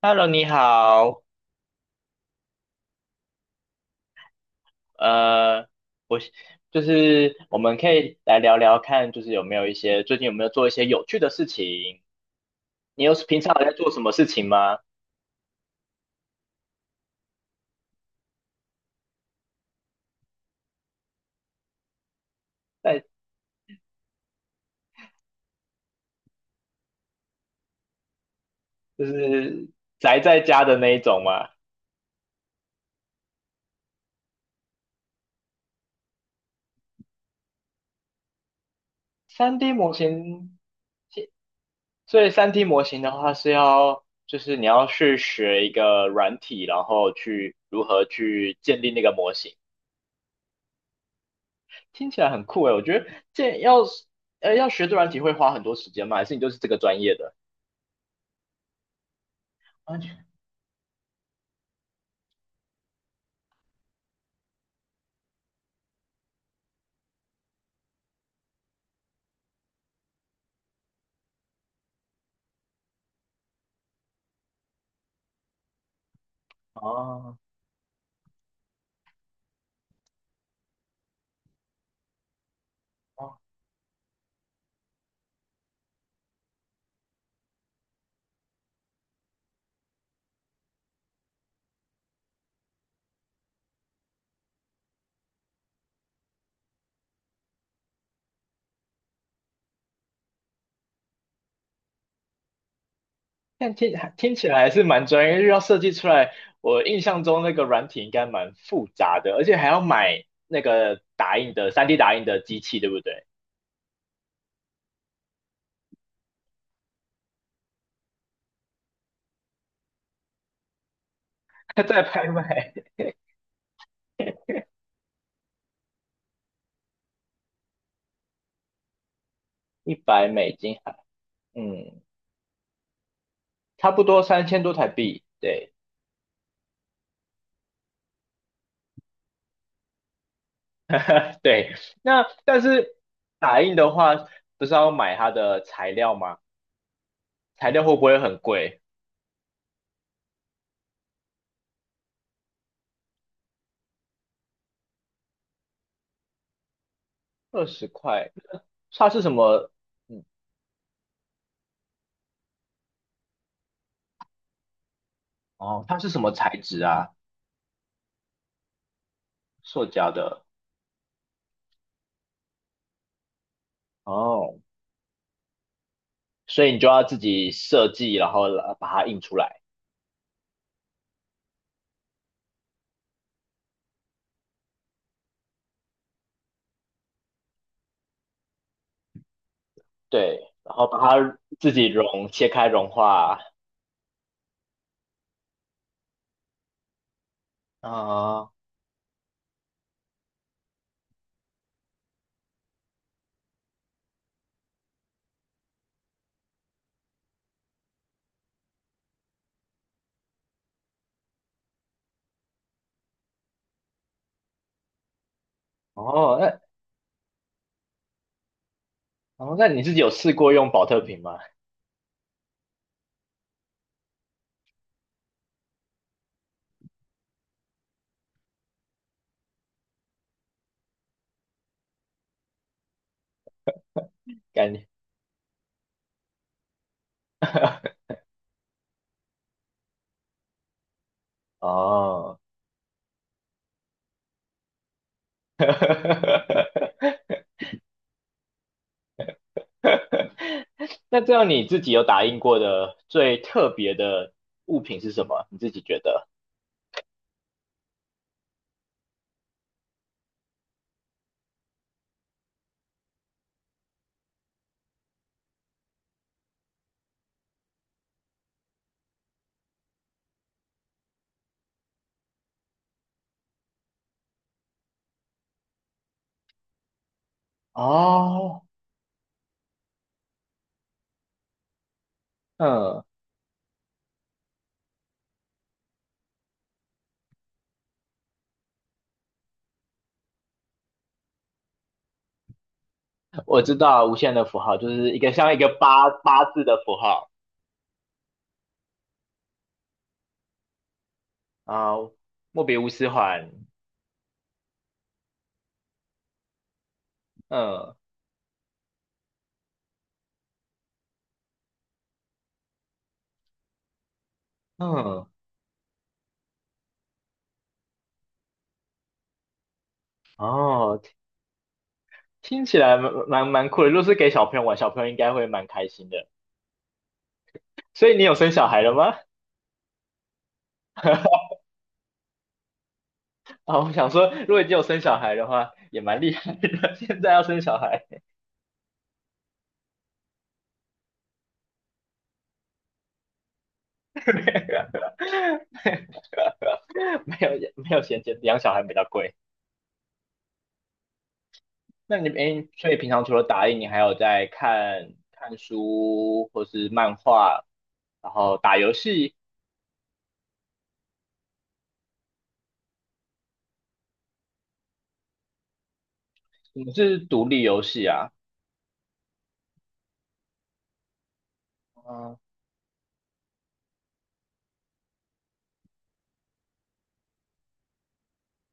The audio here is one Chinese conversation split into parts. Hello，你好，呃，我就是我们可以来聊聊看，就是有没有一些最近有没有做一些有趣的事情？你平常有在做什么事情吗？在就是宅在家的那一种吗？三 D 模型。其所以三 D 模型的话是要就是你要去学一个软体，然后去如何去建立那个模型，听起来很酷诶，我觉得这要要学这软体会花很多时间吗？还是你就是这个专业的？哦。哦，但听起来还是蛮专业，因为要设计出来。我印象中那个软体应该蛮复杂的，而且还要买那个打印的三 D 打印的机器，对不对？在拍卖100美金还，嗯，差不多3000多台币。对。对。那但是打印的话，不是要买它的材料吗？材料会不会很贵？20块，它是什么？嗯。哦，它是什么材质啊？塑胶的。哦，所以你就要自己设计，然后把它印出来，对，然后把它自己切开融化啊。哦，那哦，你自己有试过用保特瓶吗？感觉哦。那这样你自己有打印过的最特别的物品是什么？你自己觉得？哦。嗯，我知道无限的符号就是一个像一个八字的符号啊，莫比乌斯环，嗯。嗯。哦，听起来蛮酷的。如果是给小朋友玩，小朋友应该会蛮开心的。所以你有生小孩了吗？啊，我想说，如果你有生小孩的话，也蛮厉害的。现在要生小孩，没有，没有衔接，养小孩比较贵。那你诶，所以平常除了打印，你还有在看看书或是漫画，然后打游戏。你是独立游戏啊？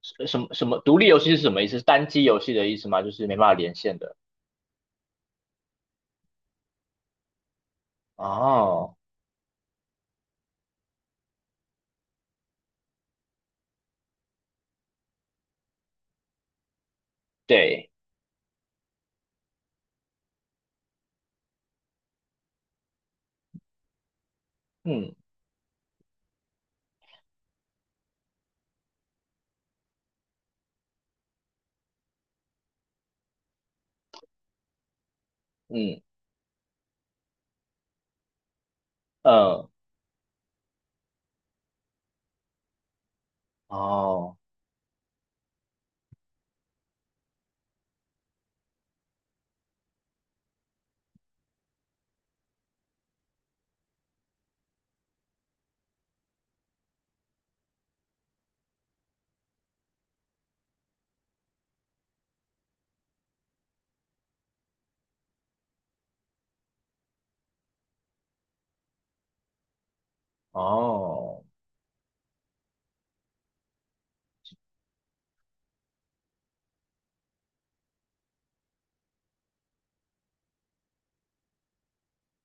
什么独立游戏是什么意思？是单机游戏的意思吗？就是没办法连线的。哦。对。嗯嗯嗯。哦哦，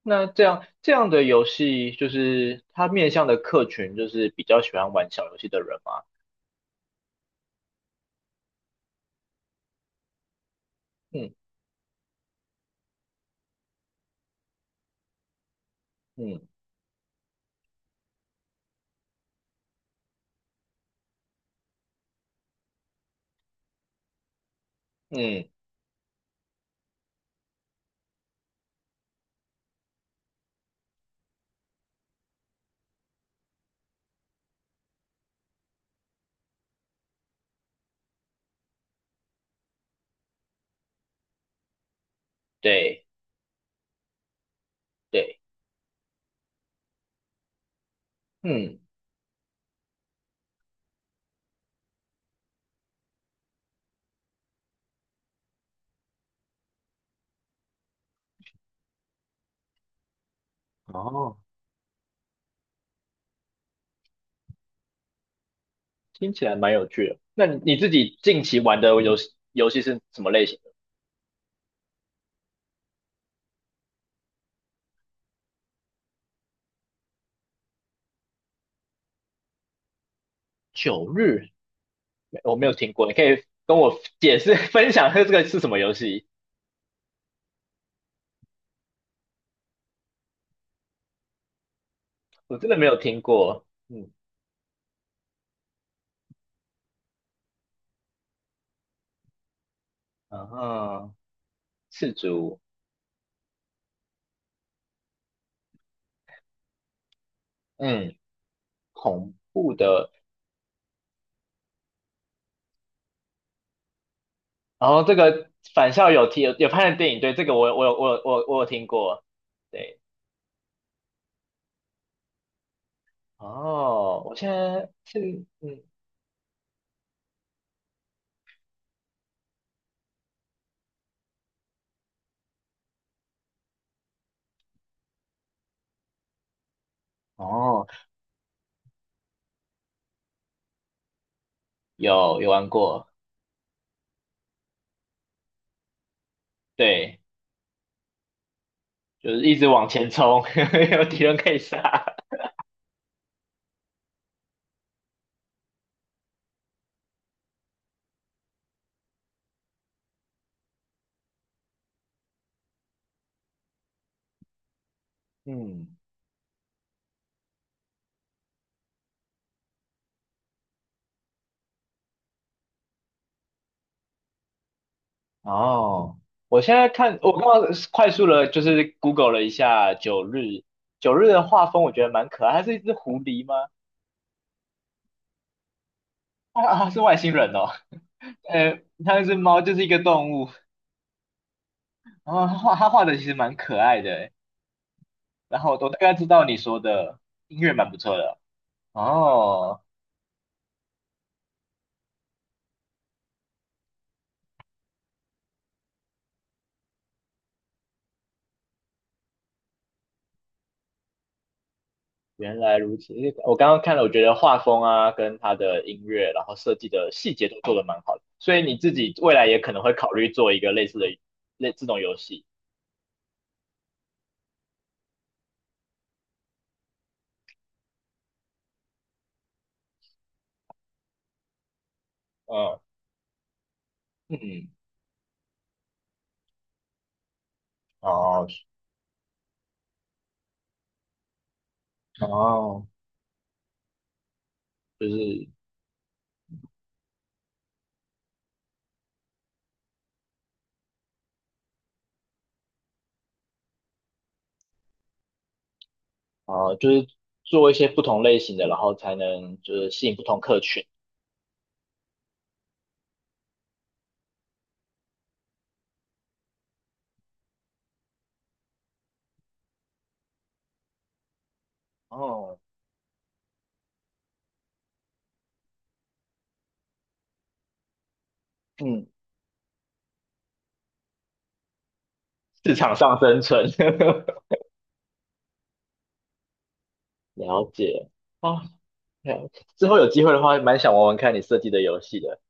那这样的游戏，就是它面向的客群，就是比较喜欢玩小游戏的人吗？嗯嗯嗯。对对。嗯。哦，听起来蛮有趣的。那你自己近期玩的游戏是什么类型的？九日，没我没有听过，你可以跟我解释 分享一下这个是什么游戏？我真的没有听过。嗯。然后赤足。嗯。恐怖的。然后这个返校有拍的电影，对，这个我有听过。对。哦，我现在是嗯。哦。有玩过。对，就是一直往前冲，有敌人可以杀。嗯。哦，我现在看，我刚刚快速的，就是 Google 了一下九日，九日的画风，我觉得蛮可爱。它是一只狐狸吗？啊啊，是外星人哦。它是猫，就是一个动物。然后它画的其实蛮可爱的欸。然后我大概知道你说的音乐蛮不错的。哦，原来如此。我刚刚看了，我觉得画风啊，跟它的音乐，然后设计的细节都做得蛮好的。所以你自己未来也可能会考虑做一个类似的这种游戏。嗯嗯。哦哦，就是哦，就是做一些不同类型的，然后才能就是吸引不同客群。哦。嗯。市场上生存。了解。哦，了解之后有机会的话，蛮想玩玩看你设计的游戏的。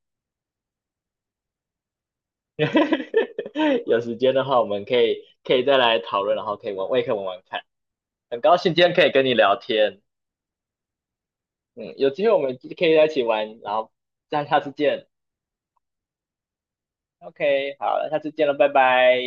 有时间的话，我们可以再来讨论，然后可以玩，我也可以玩玩看。很高兴今天可以跟你聊天，嗯，有机会我们可以在一起玩，然后这样下次见。OK，好了，下次见了，拜拜。